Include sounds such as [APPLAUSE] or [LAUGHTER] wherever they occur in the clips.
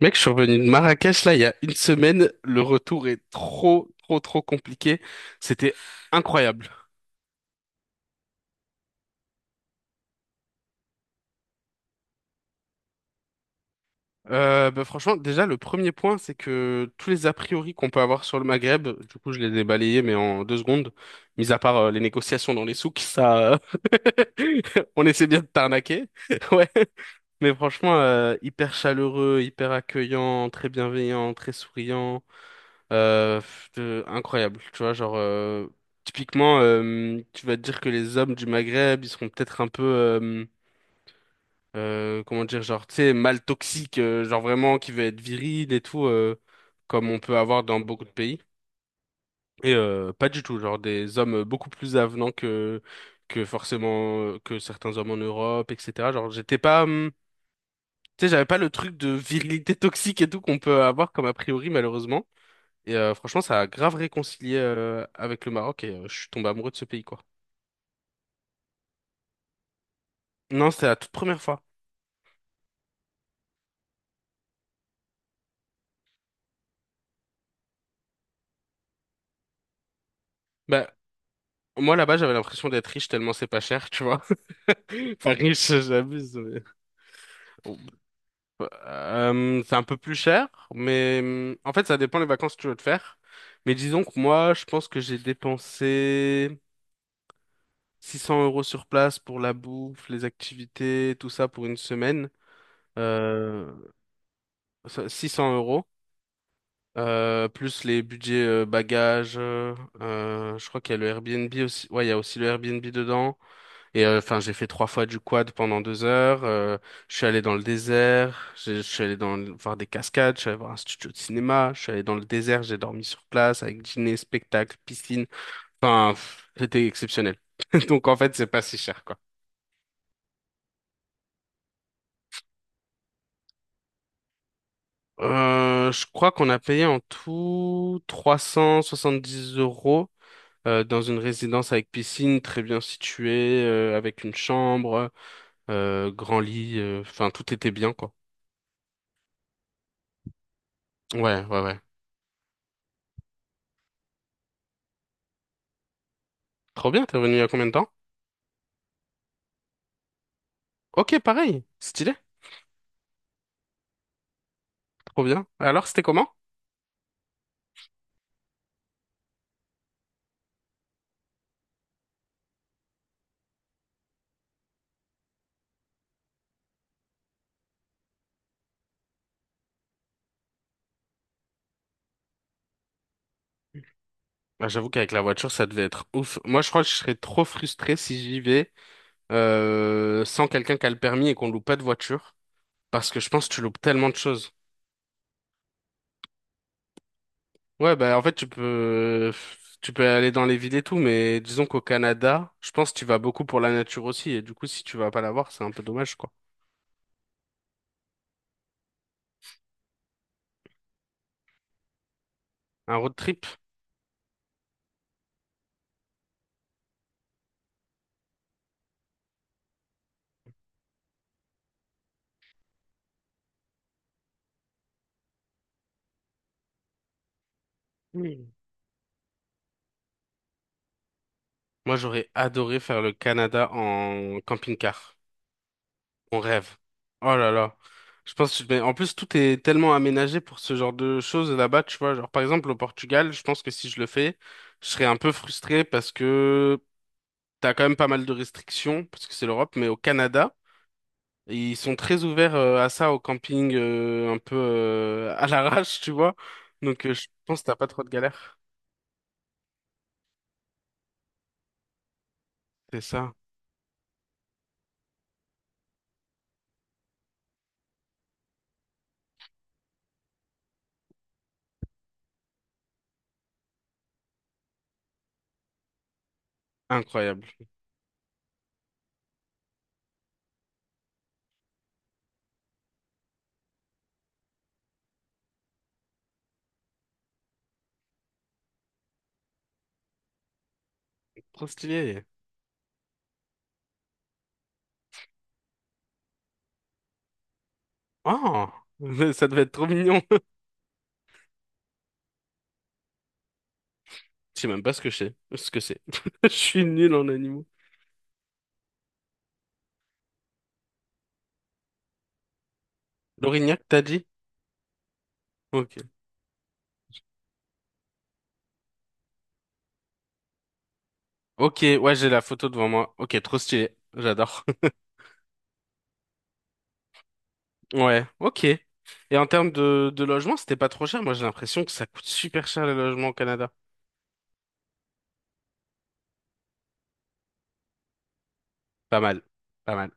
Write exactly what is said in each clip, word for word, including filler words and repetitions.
Mec, je suis revenu de Marrakech là il y a une semaine. Le retour est trop, trop, trop compliqué. C'était incroyable. Euh, bah, franchement, déjà, le premier point, c'est que tous les a priori qu'on peut avoir sur le Maghreb, du coup, je les ai balayés, mais en deux secondes, mis à part euh, les négociations dans les souks, ça, euh, [LAUGHS] on essaie bien de t'arnaquer. [LAUGHS] Ouais. Mais franchement, euh, hyper chaleureux, hyper accueillant, très bienveillant, très souriant. Euh, pff, de- incroyable, tu vois, genre euh, typiquement, euh, tu vas te dire que les hommes du Maghreb, ils seront peut-être un peu, euh, euh, comment dire, genre, tu sais, mal toxique, euh, genre vraiment qui veut être viril et tout, euh, comme on peut avoir dans beaucoup de pays. Et euh, pas du tout, genre des hommes beaucoup plus avenants que que forcément euh, que certains hommes en Europe, et cetera. Genre, j'étais pas, hum, tu sais, j'avais pas le truc de virilité toxique et tout qu'on peut avoir comme a priori, malheureusement. Et euh, franchement, ça a grave réconcilié euh, avec le Maroc et euh, je suis tombé amoureux de ce pays, quoi. Non, c'était la toute première fois. Bah, moi, là-bas, j'avais l'impression d'être riche tellement c'est pas cher, tu vois. [LAUGHS] Enfin, riche, j'abuse. mais- Bon, bah, euh, c'est un peu plus cher, mais hum, en fait, ça dépend les vacances que tu veux te faire. Mais disons que moi, je pense que j'ai dépensé six cents euros sur place pour la bouffe, les activités, tout ça pour une semaine. Euh, ça- six cents euros. Euh, plus les budgets euh, bagages, euh, euh, je crois qu'il y a le Airbnb aussi. Ouais, il y a aussi le Airbnb dedans. Et euh, enfin, j'ai fait trois fois du quad pendant deux heures. euh, je suis allé dans le désert. j'ai- Je suis allé dans le- voir des cascades. Je suis allé voir un studio de cinéma. Je suis allé dans le désert. J'ai dormi sur place avec dîner, spectacle, piscine. Enfin, pff, c'était exceptionnel. [LAUGHS] Donc en fait, c'est pas si cher, quoi. Euh, je crois qu'on a payé en tout trois cent soixante-dix euros. euh, dans une résidence avec piscine très bien située, euh, avec une chambre, euh, grand lit, euh, enfin tout était bien quoi. Ouais, ouais, ouais. Trop bien, t'es revenu il y a combien de temps? Ok, pareil, stylé, trop bien. Alors, c'était comment? Bah, j'avoue qu'avec la voiture, ça devait être ouf. Moi, je crois que je serais trop frustré si j'y vais euh, sans quelqu'un qui a le permis et qu'on loue pas de voiture. Parce que je pense que tu loupes tellement de choses. Ouais, bah en fait tu peux tu peux aller dans les villes et tout, mais disons qu'au Canada, je pense que tu vas beaucoup pour la nature aussi, et du coup si tu vas pas la voir, c'est un peu dommage quoi. Un road trip? Mm. Moi j'aurais adoré faire le Canada en camping-car. On rêve. Oh là là. Je pense que mais en plus tout est tellement aménagé pour ce genre de choses là-bas, tu vois. Genre par exemple au Portugal, je pense que si je le fais, je serais un peu frustré parce que t'as quand même pas mal de restrictions, parce que c'est l'Europe, mais au Canada. Ils sont très ouverts euh, à ça au camping, euh, un peu euh, à l'arrache, tu vois. Donc, euh, je pense que t'as pas trop de galères. C'est ça. Incroyable. Trop stylé. Oh, [LAUGHS] ça devait être trop mignon. [LAUGHS] Je sais même pas ce que c'est. Ce que c'est. [LAUGHS] Je suis nul en animaux. L'Orignac, t'as dit? Ok. Ok, ouais, j'ai la photo devant moi. Ok, trop stylé. J'adore. [LAUGHS] Ouais, ok. Et en termes de, de logement, c'était pas trop cher. Moi, j'ai l'impression que ça coûte super cher les logements au Canada. Pas mal. Pas mal.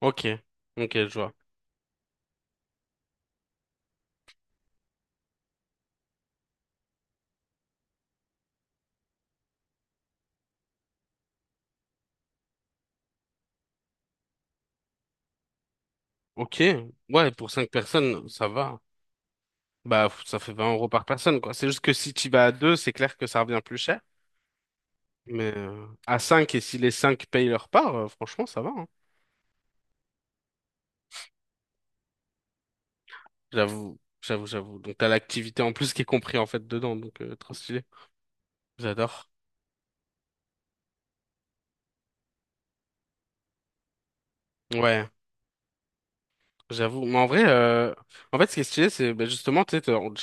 Ok. Ok, je vois. Ok, ouais, pour cinq personnes, ça va. Bah, f- ça fait vingt euros par personne, quoi. C'est juste que si tu vas à deux, c'est clair que ça revient plus cher. Mais euh, à cinq, et si les cinq payent leur part, euh, franchement, ça va, hein. J'avoue, j'avoue, j'avoue. Donc, t'as l'activité en plus qui est compris, en fait, dedans. Donc, euh, trop stylé. J'adore. Ouais, j'avoue. Mais en vrai, euh, en fait, ce qui est stylé, c'est bah, justement, tu sais, t'as- on-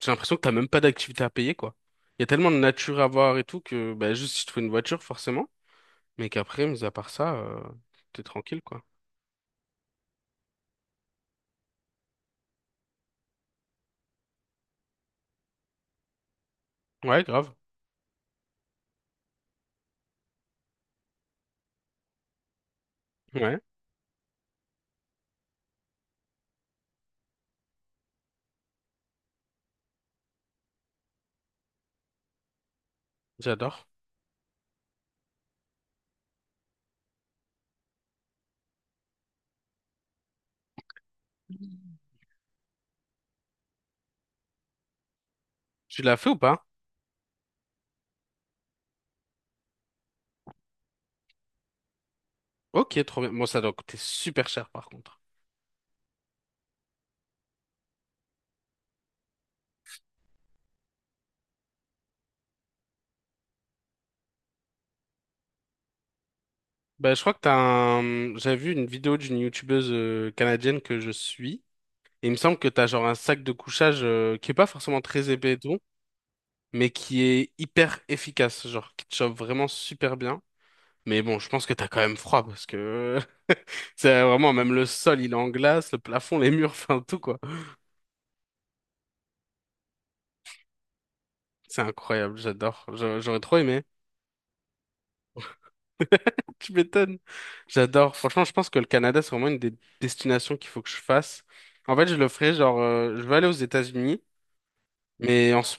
j'ai l'impression que t'as même pas d'activité à payer, quoi. Il y a tellement de nature à voir et tout que, bah, juste si tu trouves une voiture, forcément. Mais qu'après, mis à part ça, euh, t'es tranquille, quoi. Ouais, grave. Ouais, j'adore. Tu l'as fait ou pas? Ok, trop bien. Bon, ça doit coûter super cher par contre. Bah, je crois que t'as un. J'avais vu une vidéo d'une youtubeuse euh, canadienne que je suis. Et il me semble que t'as genre un sac de couchage euh, qui est pas forcément très épais et tout, mais qui est hyper efficace, genre qui te chauffe vraiment super bien. Mais bon, je pense que t'as quand même froid parce que [LAUGHS] c'est vraiment même le sol il est en glace, le plafond, les murs, [LAUGHS] enfin tout quoi. C'est incroyable, j'adore. J'a- J'aurais trop aimé. [LAUGHS] Tu m'étonnes. J'adore. Franchement, je pense que le Canada, c'est vraiment une des destinations qu'il faut que je fasse. En fait, je le ferai, genre, euh, je vais aller aux États-Unis, mais en ce-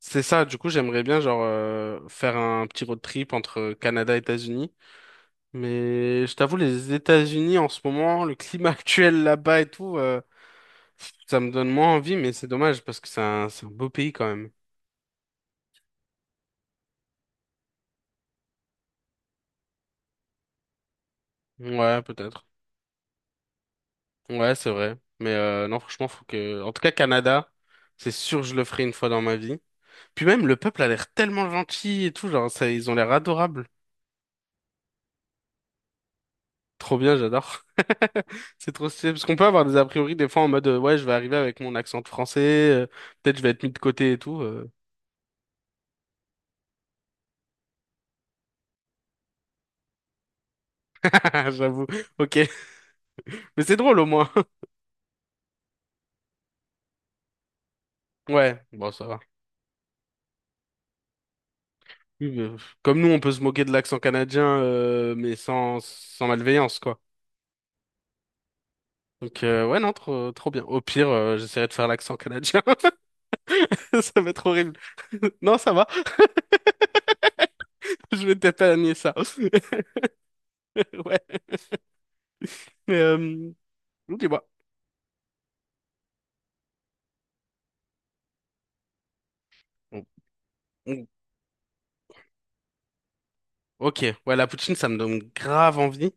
c'est ça. Du coup, j'aimerais bien, genre, euh, faire un petit road trip entre Canada et États-Unis. Mais je t'avoue, les États-Unis, en ce moment, le climat [LAUGHS] actuel là-bas et tout, euh, ça me donne moins envie, mais c'est dommage parce que c'est un, c'est un beau pays quand même. Ouais, peut-être. Ouais, c'est vrai. Mais euh, non, franchement, faut que. En tout cas, Canada, c'est sûr, je le ferai une fois dans ma vie. Puis même, le peuple a l'air tellement gentil et tout, genre, ça, ils ont l'air adorables. Trop bien, j'adore. [LAUGHS] C'est trop stylé, parce qu'on peut avoir des a priori des fois en mode, euh, ouais, je vais arriver avec mon accent de français, euh, peut-être je vais être mis de côté et tout. euh. [LAUGHS] J'avoue, ok. Mais c'est drôle au moins. [LAUGHS] Ouais, bon, ça va. Oui, mais, euh, Comme nous, on peut se moquer de l'accent canadien, euh, mais sans, sans malveillance, quoi. Donc, euh, ouais, non, trop, trop bien. Au pire, euh, j'essaierai de faire l'accent canadien. [LAUGHS] Ça va être horrible. [LAUGHS] Non, ça va. [LAUGHS] Je vais t'épargner ça. [LAUGHS] Ouais. Mais, Euh, dis-moi. Ok, ouais, la poutine, ça me donne grave envie.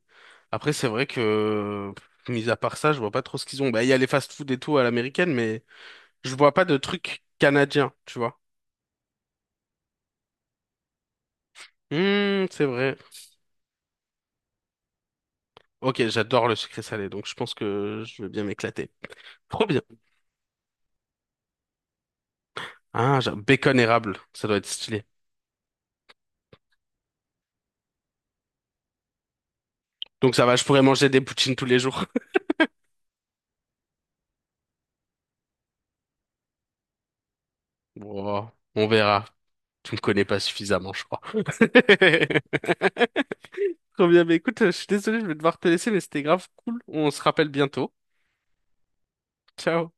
Après, c'est vrai que, pff, mis à part ça, je vois pas trop ce qu'ils ont. Bah, il y a les fast-food et tout à l'américaine, mais je vois pas de trucs canadiens, tu vois. Hmm, c'est vrai. Ok, j'adore le sucré salé, donc je pense que je vais bien m'éclater. Trop bien. Ah, j'ai- bacon érable, ça doit être stylé. Donc ça va, je pourrais manger des poutines tous les jours. [LAUGHS] Bon, on verra. Je ne connais pas suffisamment, je crois. [LAUGHS] Trop bien, mais écoute, euh, je suis désolé, je vais devoir te laisser, mais c'était grave cool. On se rappelle bientôt. Ciao.